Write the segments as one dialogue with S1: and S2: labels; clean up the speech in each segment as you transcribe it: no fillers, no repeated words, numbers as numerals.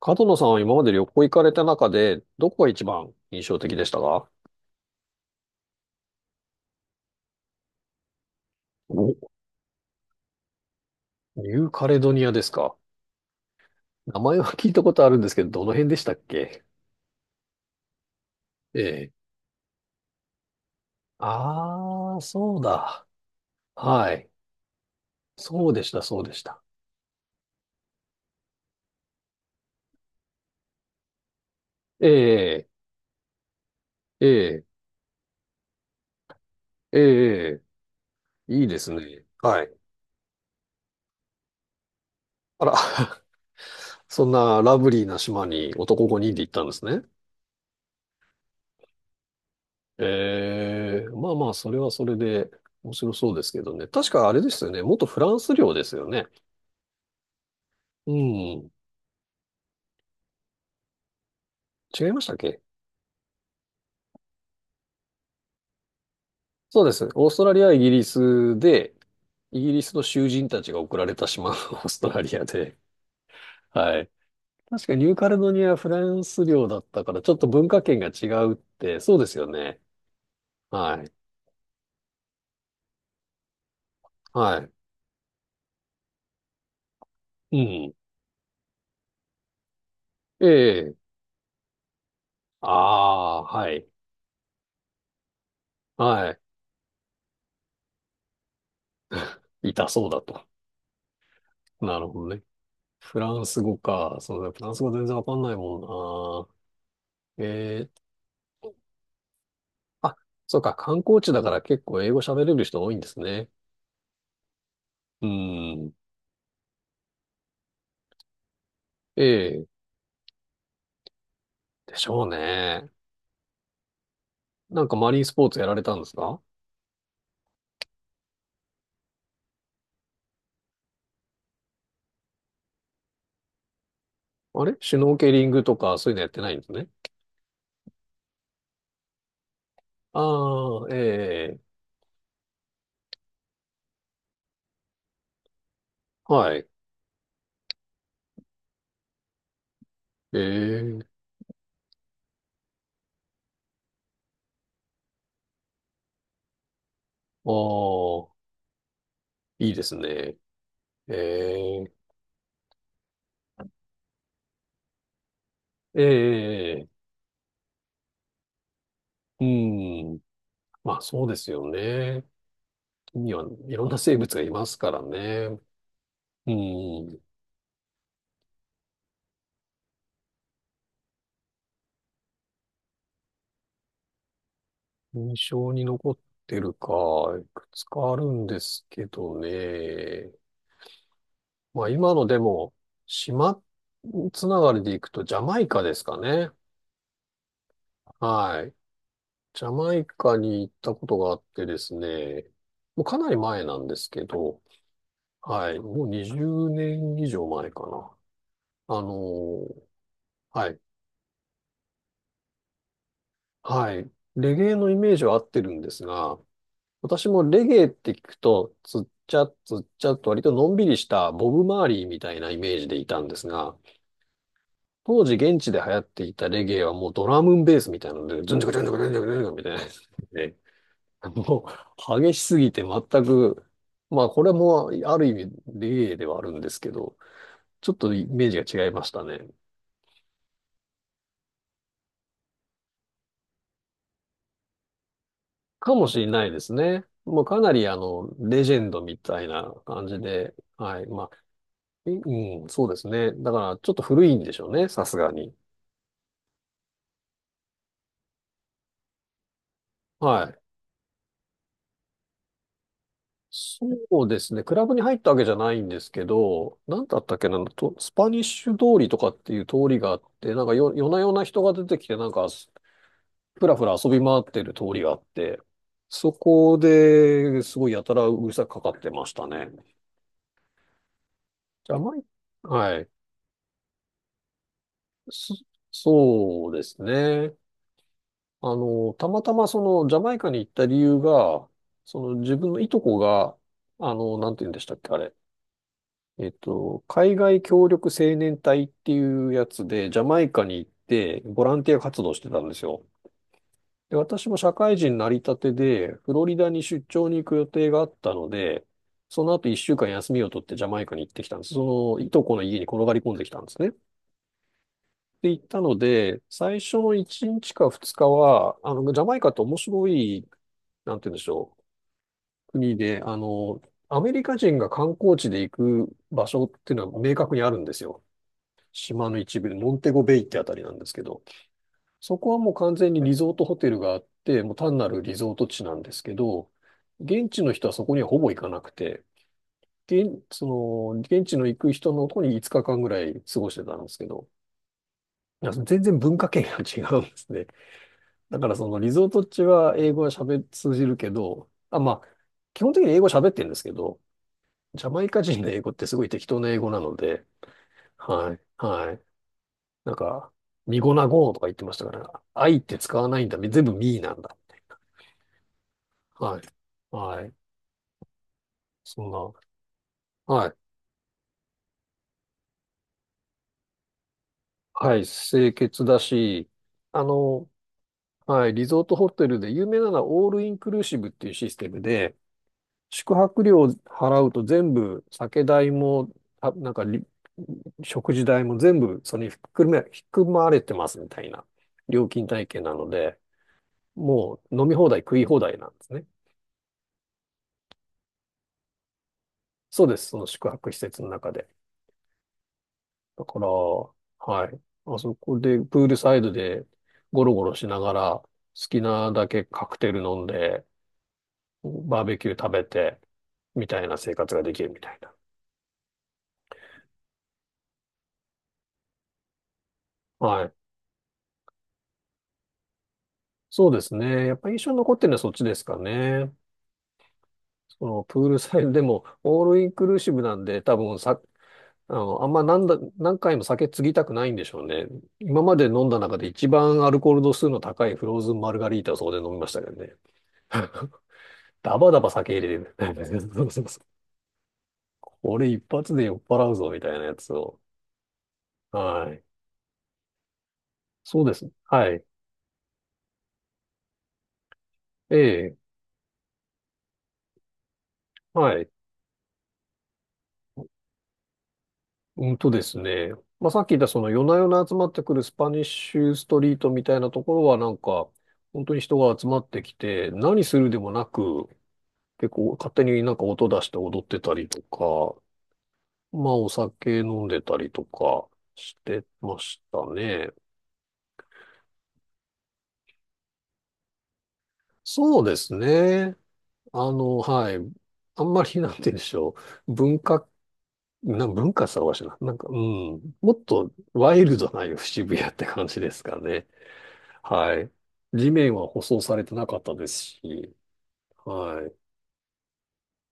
S1: 角野さんは今まで旅行行かれた中で、どこが一番印象的でしたか？お、ニューカレドニアですか。名前は聞いたことあるんですけど、どの辺でしたっけ？ええ。ああ、そうだ。はい。そうでした、そうでした。ええ、ええ、ええ、いいですね。はい。あら、そんなラブリーな島に男5人で行ったんですね。ええ、まあまあ、それはそれで面白そうですけどね。確かあれですよね。元フランス領ですよね。うん。違いましたっけ？そうです。オーストラリアはイギリスで、イギリスの囚人たちが送られた島の オーストラリアで。はい。確かニューカレドニアはフランス領だったから、ちょっと文化圏が違うって、そうですよね。はい。はい。うん。ええ。ああ、はい。はい。痛そうだと。なるほどね。フランス語か。そうだ、フランス語全然わかんないもんな。ええ。あ、そうか。観光地だから結構英語喋れる人多いんですね。うん。ええ、でしょうね。なんかマリンスポーツやられたんですか？あれシュノーケリングとかそういうのやってないんですね。ああ、ええ、はい。ええ、ああ、いいですね。ええ、ええ、うん。まあそうですよね。海にはいろんな生物がいますからね。うん。印象に残ってるか、いくつかあるんですけどね。まあ今のでも、島つながりで行くとジャマイカですかね。はい。ジャマイカに行ったことがあってですね、もうかなり前なんですけど、はい。もう20年以上前かな。あのーはい。はい。レゲエのイメージは合ってるんですが、私もレゲエって聞くと、つっちゃつっちゃと割とのんびりしたボブ・マーリーみたいなイメージでいたんですが、当時現地で流行っていたレゲエはもうドラムンベースみたいなので、ズンチョクズンチョクズンチョクズンチョクみたいなやつで、もう激しすぎて全く、まあこれもある意味レゲエではあるんですけど、ちょっとイメージが違いましたね。かもしれないですね。もうかなりレジェンドみたいな感じで、はい。まあ、えうん、そうですね。だからちょっと古いんでしょうね、さすがに。はい。そうですね。クラブに入ったわけじゃないんですけど、なんだったっけな、と、スパニッシュ通りとかっていう通りがあって、なんかよ、夜な夜な人が出てきて、なんか、ふらふら遊び回ってる通りがあって、そこですごいやたらうるさくかかってましたね。じゃあ、まあはい。そ、そうですね。あの、たまたまその、ジャマイカに行った理由が、その自分のいとこが、あの、なんて言うんでしたっけ、あれ。えっと、海外協力青年隊っていうやつで、ジャマイカに行って、ボランティア活動してたんですよ。で、私も社会人になりたてで、フロリダに出張に行く予定があったので、その後一週間休みを取ってジャマイカに行ってきたんです。その、いとこの家に転がり込んできたんですね。で、行ったので、最初の1日か2日は、あの、ジャマイカって面白い、なんて言うんでしょう、国で、あの、アメリカ人が観光地で行く場所っていうのは明確にあるんですよ。島の一部で、モンテゴベイってあたりなんですけど、そこはもう完全にリゾートホテルがあって、もう単なるリゾート地なんですけど、現地の人はそこにはほぼ行かなくて、その、現地の行く人のとこに5日間ぐらい過ごしてたんですけど、いや全然文化圏が違うんですね。だからそのリゾート地は英語は喋、通じるけど、あ、まあ、基本的に英語喋ってるんですけど、ジャマイカ人の英語ってすごい適当な英語なので、はい。なんか、ミゴナゴーとか言ってましたから、愛って使わないんだ。全部ミーなんだ。はい。はい。そんな。はい。はい。清潔だし、あの、はい。リゾートホテルで有名なのはオールインクルーシブっていうシステムで、宿泊料を払うと全部酒代も、あ、なんかり、食事代も全部それに含め、含まれてますみたいな料金体系なので、もう飲み放題食い放題なんですね。そうです。その宿泊施設の中で。だから、はい。まあそこで、プールサイドでゴロゴロしながら、好きなだけカクテル飲んで、バーベキュー食べて、みたいな生活ができるみたいな。はい。そうですね。やっぱ印象に残ってるのはそっちですかね。そのプールサイドでも、オールインクルーシブなんで、多分さ、あの、何回も酒継ぎたくないんでしょうね。今まで飲んだ中で一番アルコール度数の高いフローズンマルガリータをそこで飲みましたけどね。ダバダバ酒入れてる。俺一発で酔っ払うぞ、みたいなやつを。はい。そうです。はい。ええ。はい。うんとですね。まあ、さっき言ったその夜な夜な集まってくるスパニッシュストリートみたいなところはなんか、本当に人が集まってきて、何するでもなく、結構勝手になんか音出して踊ってたりとか、まあお酒飲んでたりとかしてましたね。そうですね。あの、はい。あんまりなんて言うんでしょう。文化なん文化さわしな。なんか、うん。もっとワイルドな渋谷って感じですかね。はい。地面は舗装されてなかったですし。はい。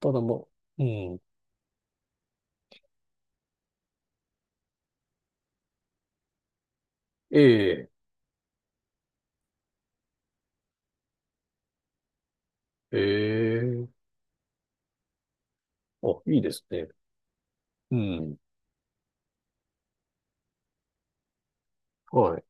S1: ただもう、うん。ええ、ええ。あ、いいですね。うん。はい。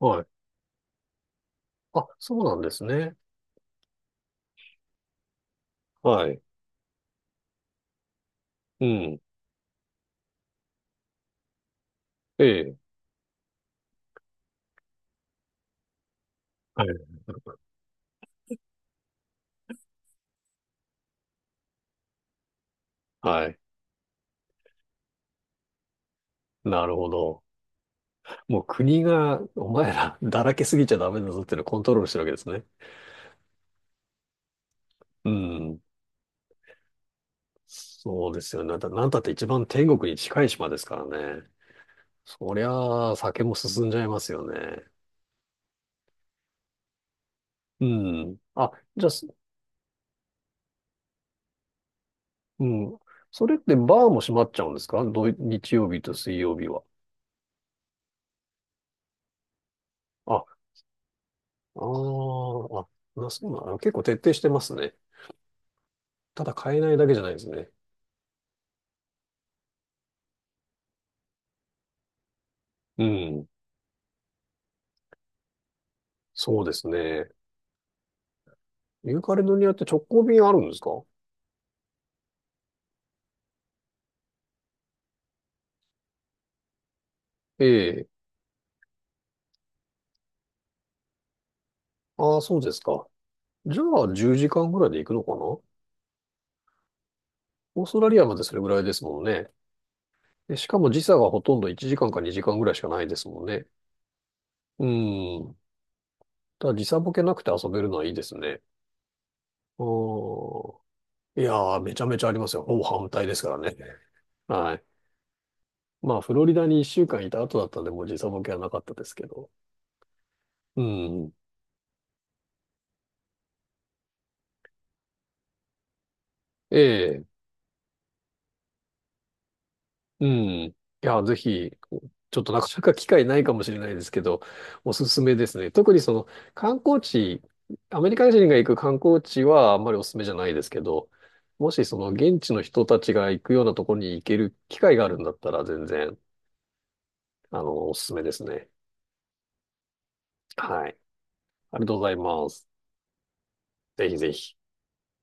S1: はい。あ、そうなんですね。はい。うん。ええ。はいはい。なるほど。もう国が、お前ら、だらけすぎちゃダメだぞっていうのをコントロールしてるわけですね。うん。そうですよね。だ、なんたって一番天国に近い島ですからね。そりゃあ、酒も進んじゃいますよね。うん。あ、じゃあ、すうん。それってバーも閉まっちゃうんですか？土日曜日と水曜日は。あ、ああ、あ、そうなの。結構徹底してますね。ただ買えないだけじゃないですね。うん。そうですね。ユーカリドニアって直行便あるんですか？ええ。ああ、そうですか。じゃあ、10時間ぐらいで行くのかな？オーストラリアまでそれぐらいですもんね。で、しかも時差がほとんど1時間か2時間ぐらいしかないですもんね。うん。ただ時差ボケなくて遊べるのはいいですね。おー。いやー、めちゃめちゃありますよ。ほぼ反対ですからね。はい。まあ、フロリダに1週間いた後だったんで、もう時差ボケはなかったですけど。うん。ええうん。いや、ぜひ、ちょっとなかなか機会ないかもしれないですけど、おすすめですね。特にその観光地、アメリカ人が行く観光地はあんまりおすすめじゃないですけど、もしその現地の人たちが行くようなところに行ける機会があるんだったら全然、あの、おすすめですね。はい。ありがとうございます。ぜひぜひ。